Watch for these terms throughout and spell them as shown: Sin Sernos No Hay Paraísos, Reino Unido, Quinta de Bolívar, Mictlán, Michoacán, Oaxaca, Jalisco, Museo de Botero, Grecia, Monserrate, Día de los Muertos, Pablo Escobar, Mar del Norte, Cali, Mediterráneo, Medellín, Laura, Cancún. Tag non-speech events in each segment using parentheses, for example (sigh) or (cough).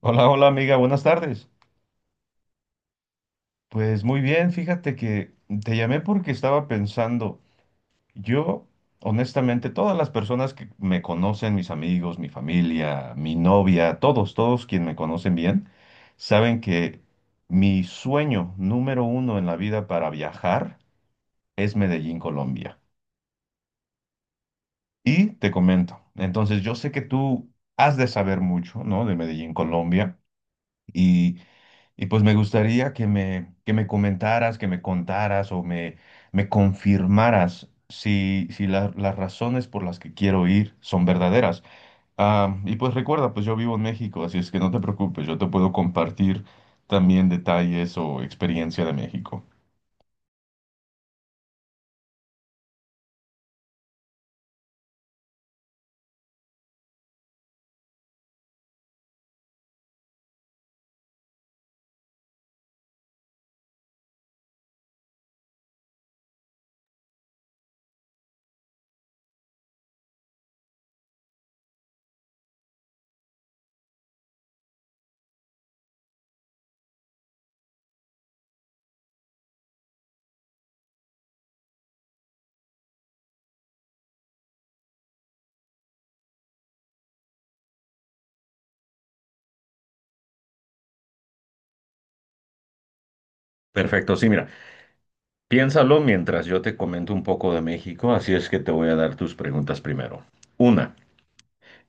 Hola, hola amiga, buenas tardes. Pues muy bien, fíjate que te llamé porque estaba pensando, yo honestamente, todas las personas que me conocen, mis amigos, mi familia, mi novia, todos, todos quienes me conocen bien, saben que mi sueño número uno en la vida para viajar es Medellín, Colombia. Y te comento, entonces yo sé que tú has de saber mucho, ¿no? De Medellín, Colombia. Y Y pues me gustaría que me comentaras, que me contaras o me confirmaras si las razones por las que quiero ir son verdaderas. Ah, y pues recuerda, pues yo vivo en México, así es que no te preocupes, yo te puedo compartir también detalles o experiencia de México. Perfecto, sí, mira, piénsalo mientras yo te comento un poco de México, así es que te voy a dar tus preguntas primero. Una.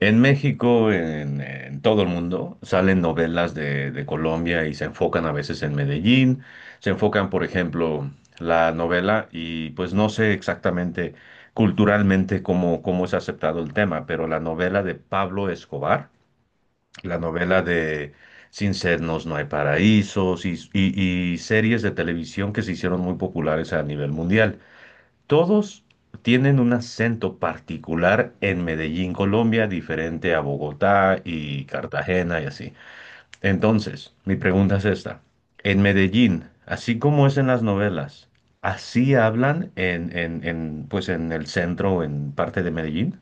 En México, en todo el mundo, salen novelas de Colombia y se enfocan a veces en Medellín, se enfocan, por ejemplo, la novela y pues no sé exactamente culturalmente cómo es aceptado el tema, pero la novela de Pablo Escobar, la novela de Sin Sernos No Hay Paraísos y series de televisión que se hicieron muy populares a nivel mundial. Todos tienen un acento particular en Medellín, Colombia, diferente a Bogotá y Cartagena y así. Entonces, mi pregunta es esta. En Medellín, así como es en las novelas, ¿así hablan pues en el centro, o en parte de Medellín?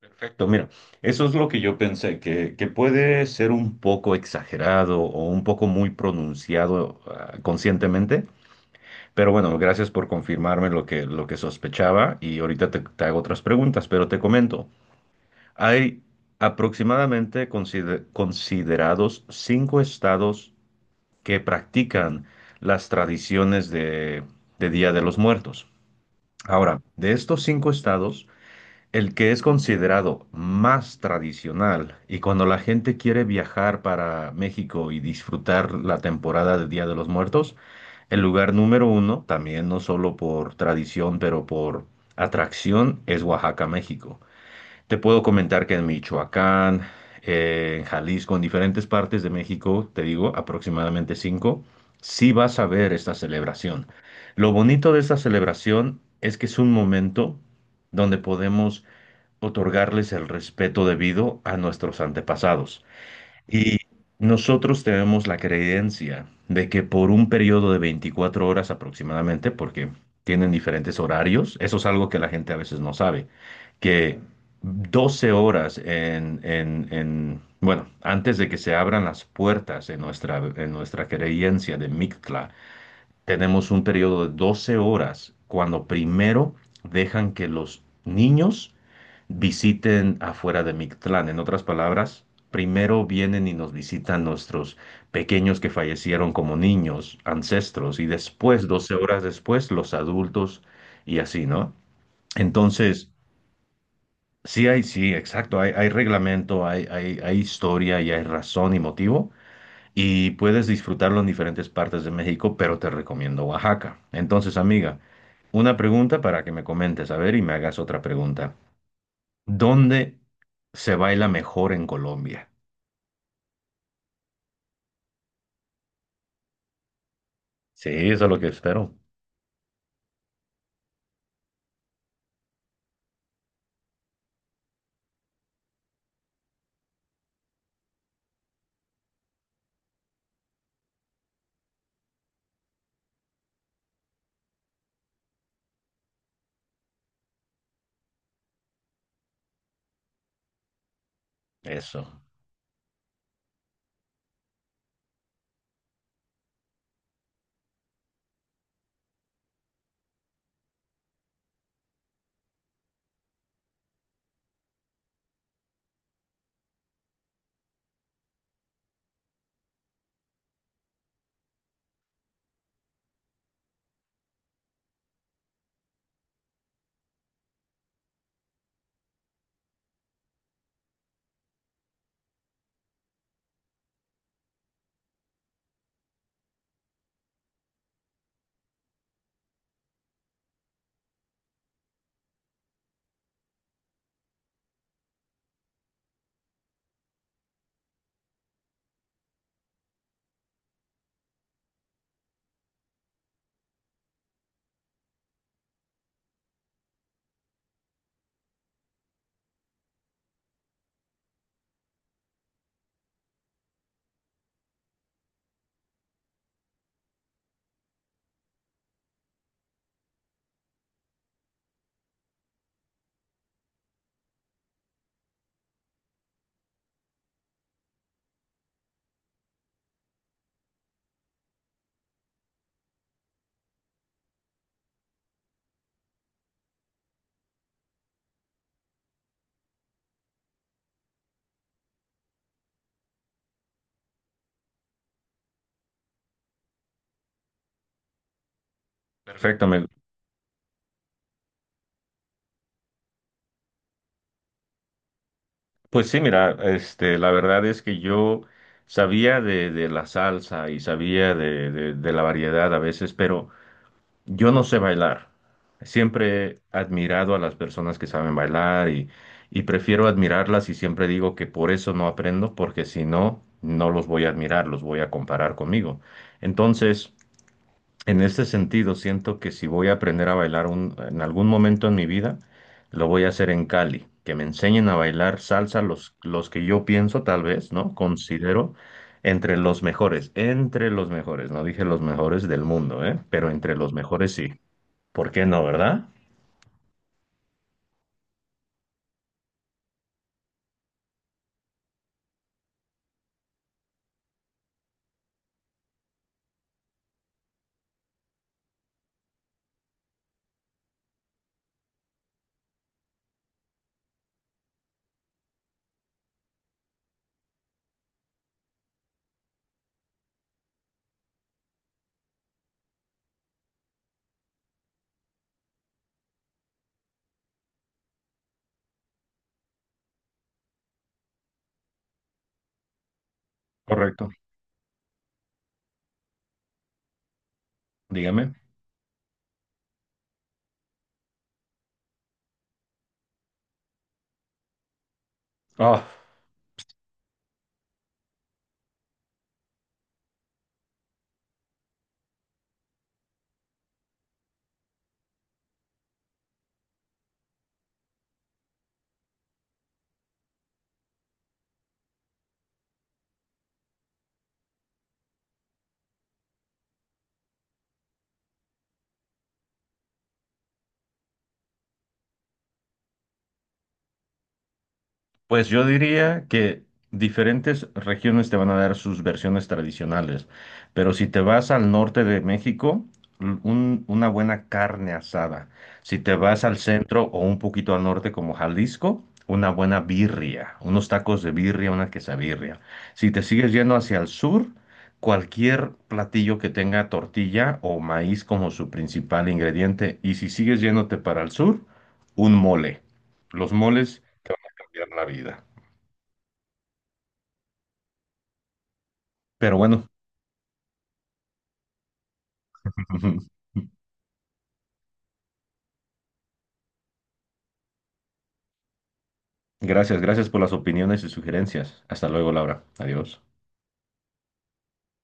Perfecto, mira, eso es lo que yo pensé, que puede ser un poco exagerado o un poco muy pronunciado, ah, conscientemente. Pero bueno, gracias por confirmarme lo que sospechaba y ahorita te hago otras preguntas, pero te comento, hay aproximadamente considerados cinco estados que practican las tradiciones de Día de los Muertos. Ahora, de estos cinco estados, el que es considerado más tradicional y cuando la gente quiere viajar para México y disfrutar la temporada de Día de los Muertos, el lugar número uno, también no solo por tradición, pero por atracción, es Oaxaca, México. Te puedo comentar que en Michoacán, en Jalisco, en diferentes partes de México, te digo, aproximadamente cinco, sí vas a ver esta celebración. Lo bonito de esta celebración es que es un momento donde podemos otorgarles el respeto debido a nuestros antepasados. Y nosotros tenemos la creencia de que por un periodo de 24 horas aproximadamente, porque tienen diferentes horarios, eso es algo que la gente a veces no sabe, que 12 horas bueno, antes de que se abran las puertas en nuestra creencia de Mictla, tenemos un periodo de 12 horas cuando primero dejan que los niños visiten afuera de Mictlán. En otras palabras, primero vienen y nos visitan nuestros pequeños que fallecieron como niños, ancestros, y después, 12 horas después, los adultos y así, ¿no? Entonces, sí hay, sí, exacto, hay reglamento, hay historia y hay razón y motivo. Y puedes disfrutarlo en diferentes partes de México, pero te recomiendo Oaxaca. Entonces, amiga, una pregunta para que me comentes, a ver, y me hagas otra pregunta. ¿Dónde se baila mejor en Colombia? Sí, eso es lo que espero. Eso. Perfecto. Me. Pues sí, mira, este, la verdad es que yo sabía de la salsa y sabía de la variedad a veces, pero yo no sé bailar. Siempre he admirado a las personas que saben bailar y prefiero admirarlas y siempre digo que por eso no aprendo, porque si no, no los voy a admirar, los voy a comparar conmigo. Entonces. En ese sentido, siento que si voy a aprender a bailar en algún momento en mi vida, lo voy a hacer en Cali, que me enseñen a bailar salsa los que yo pienso, tal vez, ¿no? Considero entre los mejores, no dije los mejores del mundo, ¿eh? Pero entre los mejores sí. ¿Por qué no, verdad? Correcto. Dígame. ah Pues yo diría que diferentes regiones te van a dar sus versiones tradicionales, pero si te vas al norte de México, una buena carne asada. Si te vas al centro o un poquito al norte como Jalisco, una buena birria, unos tacos de birria, una quesabirria. Si te sigues yendo hacia el sur, cualquier platillo que tenga tortilla o maíz como su principal ingrediente. Y si sigues yéndote para el sur, un mole. Los moles cambiar la vida. Pero bueno, (laughs) gracias, gracias por las opiniones y sugerencias. Hasta luego, Laura. Adiós.